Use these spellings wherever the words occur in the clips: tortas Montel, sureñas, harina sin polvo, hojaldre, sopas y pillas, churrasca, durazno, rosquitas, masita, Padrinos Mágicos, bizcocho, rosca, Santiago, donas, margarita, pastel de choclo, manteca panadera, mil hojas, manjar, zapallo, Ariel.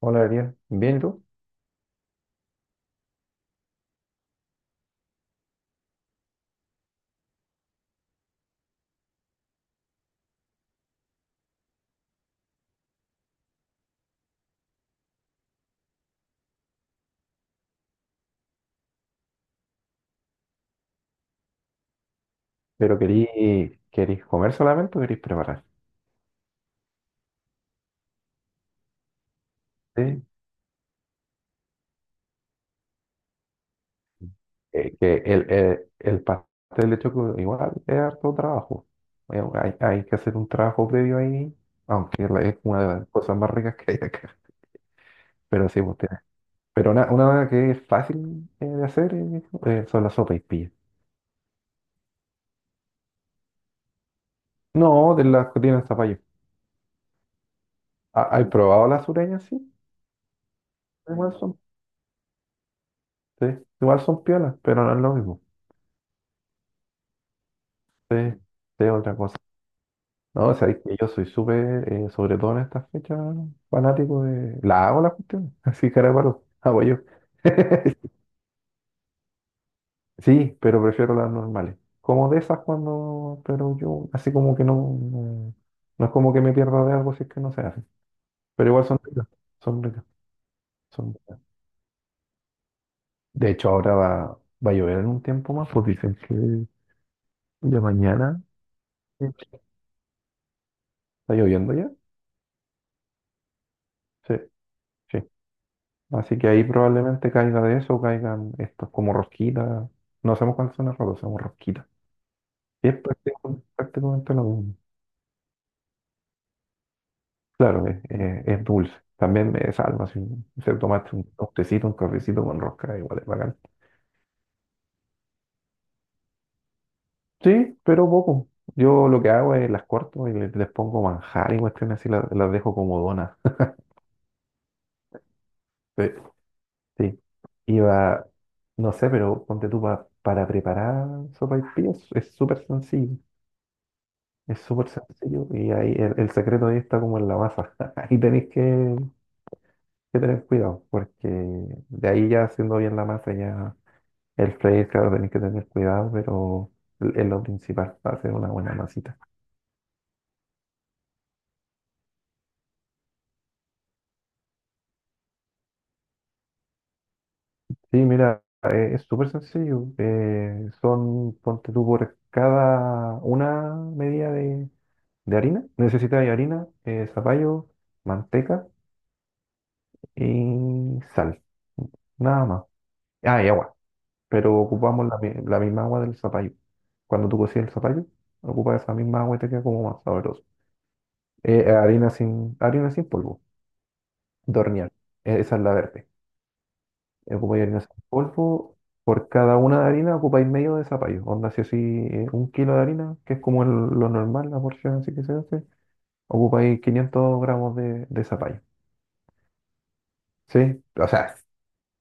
Hola, Ariel. Bien, ¿y tú? Pero querís comer solamente o querís preparar. Sí. Que el pastel de choclo igual es harto trabajo. Hay que hacer un trabajo previo ahí, aunque es una de las cosas más ricas que hay acá. Pero sí, pues, pero una que es fácil, de hacer, son las sopas y pillas. No, de las que tienen zapallo. Ah, ¿has probado las sureñas? Sí, igual son. Sí, igual son piolas, pero no es lo mismo. Sí, sí, es otra cosa. No, sabéis que yo soy súper, sobre todo en estas fechas, fanático de la hago la cuestión, así cara de palo, hago yo. Sí, pero prefiero las normales. Como de esas cuando pero yo, así como que no. No, no es como que me pierda de algo si es que no se hace. Pero igual son ricas, son ricas, son ricas. De hecho, ahora va a llover en un tiempo más, pues dicen que ya mañana. ¿Está lloviendo ya? Sí, sí. Así que ahí probablemente caiga de eso, caigan estos como rosquitas. No sabemos cuáles son las rosas, somos rosquitas. Y es prácticamente lo mismo. Claro, es dulce. También me salva si se tomaste un tecito, un cafecito con rosca, igual es bacán. Sí, pero poco. Yo lo que hago es las corto y les pongo manjar y cuestiones así, las dejo como donas. Sí. Sí. Iba, no sé, pero ponte tú para preparar sopa y es súper sencillo. Es súper sencillo y ahí el secreto ahí está como en la masa. Ahí que tener cuidado, porque de ahí ya haciendo bien la masa, ya el freír, claro, tenéis que tener cuidado, pero es lo principal, para hacer una buena masita. Sí, mira, es súper sencillo. Son, ponte tú por cada una medida de harina. Necesitas harina, zapallo, manteca y sal. Nada más. Ah, y agua. Pero ocupamos la, la misma agua del zapallo. Cuando tú cocías el zapallo, ocupas esa misma agua y te queda como más sabroso. Harina sin polvo, de hornear. Esa es la verde. Ocupáis harina sin polvo. Por cada una de harina ocupáis medio de zapallo. Onda, si así 1 kilo de harina, que es como lo normal, la porción así que se hace, ocupáis 500 gramos de zapallo. ¿Sí? O sea,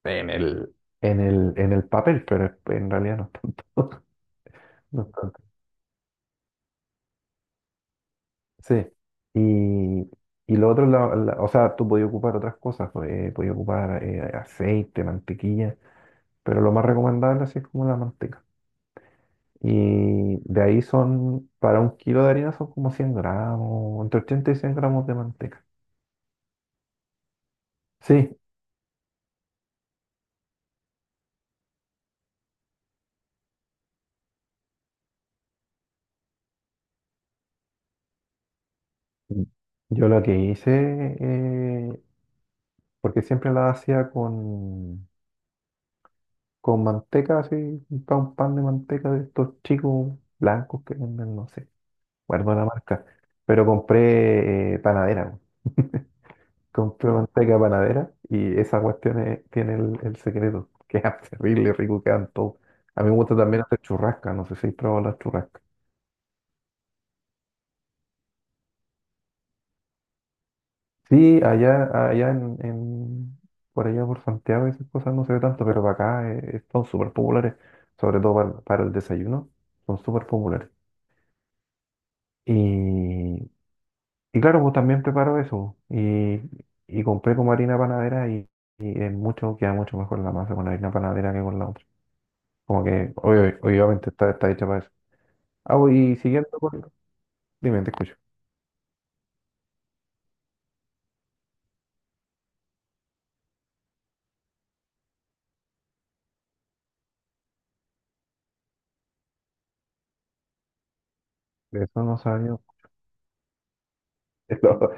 en el, en el, en el papel, pero en realidad no es tanto. No es tanto. Sí, y, y lo otro, o sea, tú podías ocupar otras cosas, pues, podías ocupar aceite, mantequilla, pero lo más recomendable así es como la manteca. Y de ahí son, para 1 kilo de harina son como 100 gramos, entre 80 y 100 gramos de manteca. Sí, yo lo que hice, porque siempre la hacía con manteca, así, un pan, pan de manteca de estos chicos blancos que venden, no sé guardo la marca, pero compré panadera, weón. Compré manteca panadera y esa cuestión tiene el secreto, que es terrible, rico, quedan todo. A mí me gusta también hacer churrasca, no sé si has probado las churrascas. Sí, allá, allá por allá por Santiago esas cosas no se ve tanto, pero para acá, son súper populares, sobre todo para el desayuno, son súper populares. Y y claro, pues también preparo eso. Y compré como harina panadera y es mucho, queda mucho mejor la masa con la harina panadera que con la otra. Como que obviamente está, está hecha para eso. Ah, pues, y siguiendo con dime, te escucho. De eso no sabía. Lo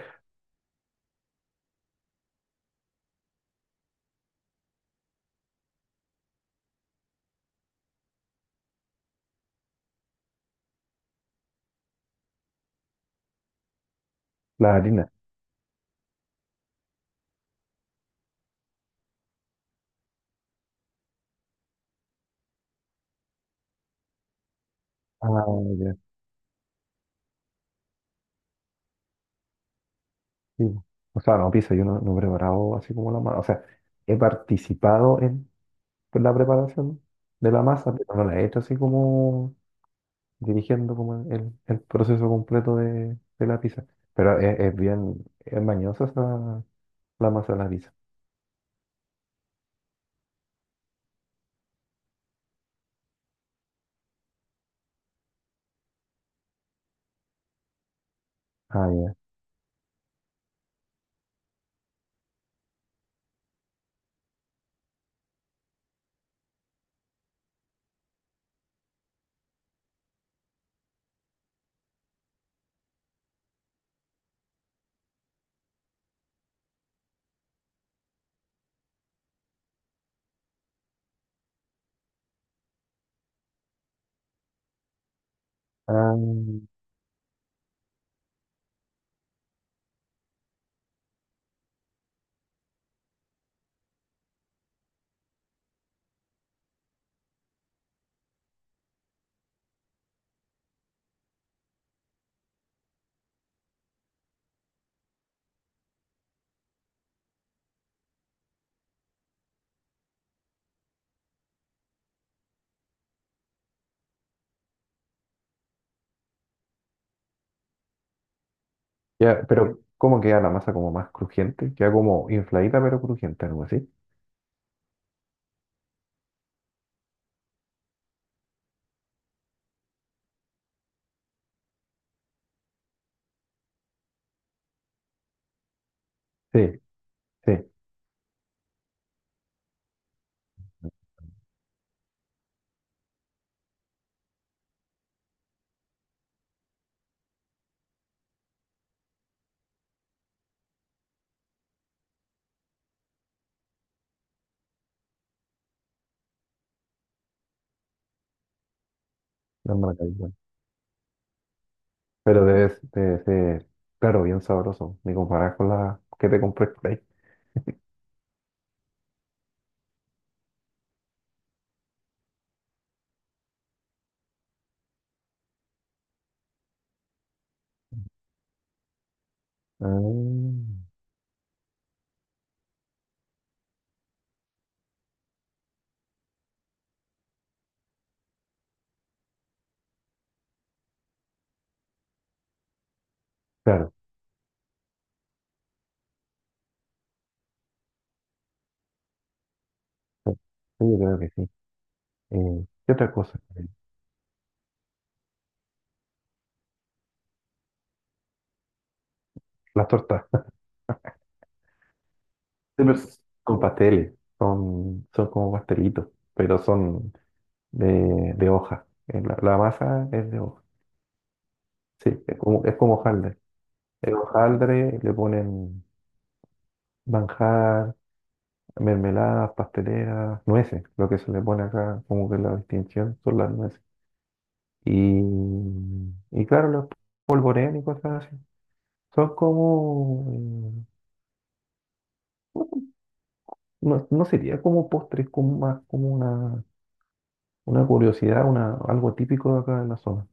la harina. Ah, ya. Sí, pues. O sea, no, pizza, yo no, no he preparado así como la masa. O sea, he participado en la preparación de la masa, pero no la he hecho así como dirigiendo como el proceso completo de la pizza. Pero es bien, es mañosa la masa de la pizza. Ah, ya. Ah, ya, pero ¿cómo queda la masa como más crujiente? Queda como infladita pero crujiente, algo así. Sí, sí, la margarita. Pero debe, debe ser, claro, bien sabroso, ni comparar con la que te compré por ahí. Ah, claro, sí, yo creo que sí. ¿Qué otra cosa? Las tortas. Sí, pues, son pasteles, son, son como pastelitos, pero son de hoja. La, la masa es de hoja. Sí, es como hojaldre. El hojaldre le ponen manjar, mermeladas, pasteleras, nueces. Lo que se le pone acá, como que la distinción son las nueces. Y, y claro, los polvorean y cosas así. Son como, no, no sería como postres, como más como una curiosidad, una, algo típico de acá de la zona.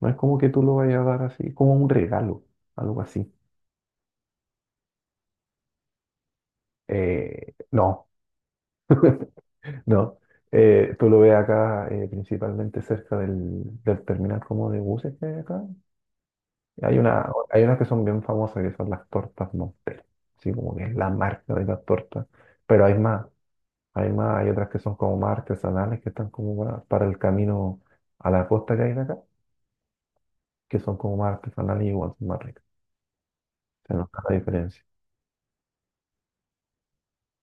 No es como que tú lo vayas a dar así, como un regalo, algo así. No, no. Tú lo ves acá, principalmente cerca del, del terminal como de buses que hay acá. Hay una, hay unas que son bien famosas, que son las tortas Montel. Sí, como que es la marca de las tortas. Pero hay más, hay más, hay otras que son como más artesanales, que están como para el camino a la costa que hay de acá, que son como más artesanales y igual son más ricas. Se nota la diferencia.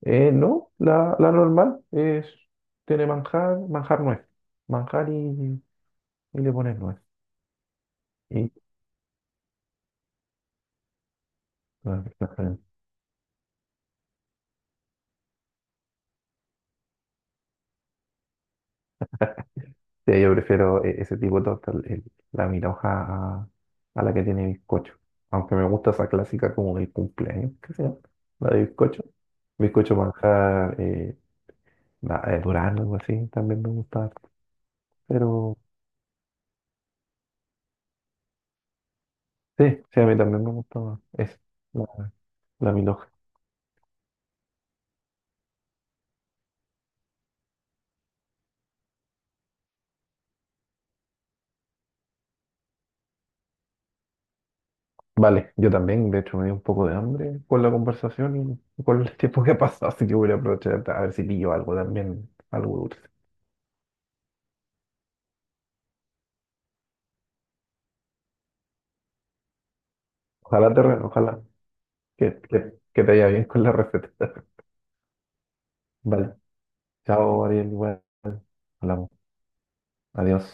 No, la, la normal es, tiene manjar, manjar nuez, manjar y le pones nuez. Y, bueno, exactamente. Sí, yo prefiero ese tipo de torta, la mira a, a la que tiene bizcocho. Aunque me gusta esa clásica como del cumpleaños, ¿qué se llama? La de bizcocho. Bizcocho manjar, la de durazno, algo así, también me gusta. Pero sí, sí, a mí también me gusta más. Es la, la mil. Vale, yo también, de hecho, me dio un poco de hambre con la conversación y con el tiempo que ha pasado, así que voy a aprovechar a ver si pillo algo también, algo dulce. Ojalá te, ojalá que te vaya bien con la receta. Vale, chao, Ariel, igual, hablamos, adiós.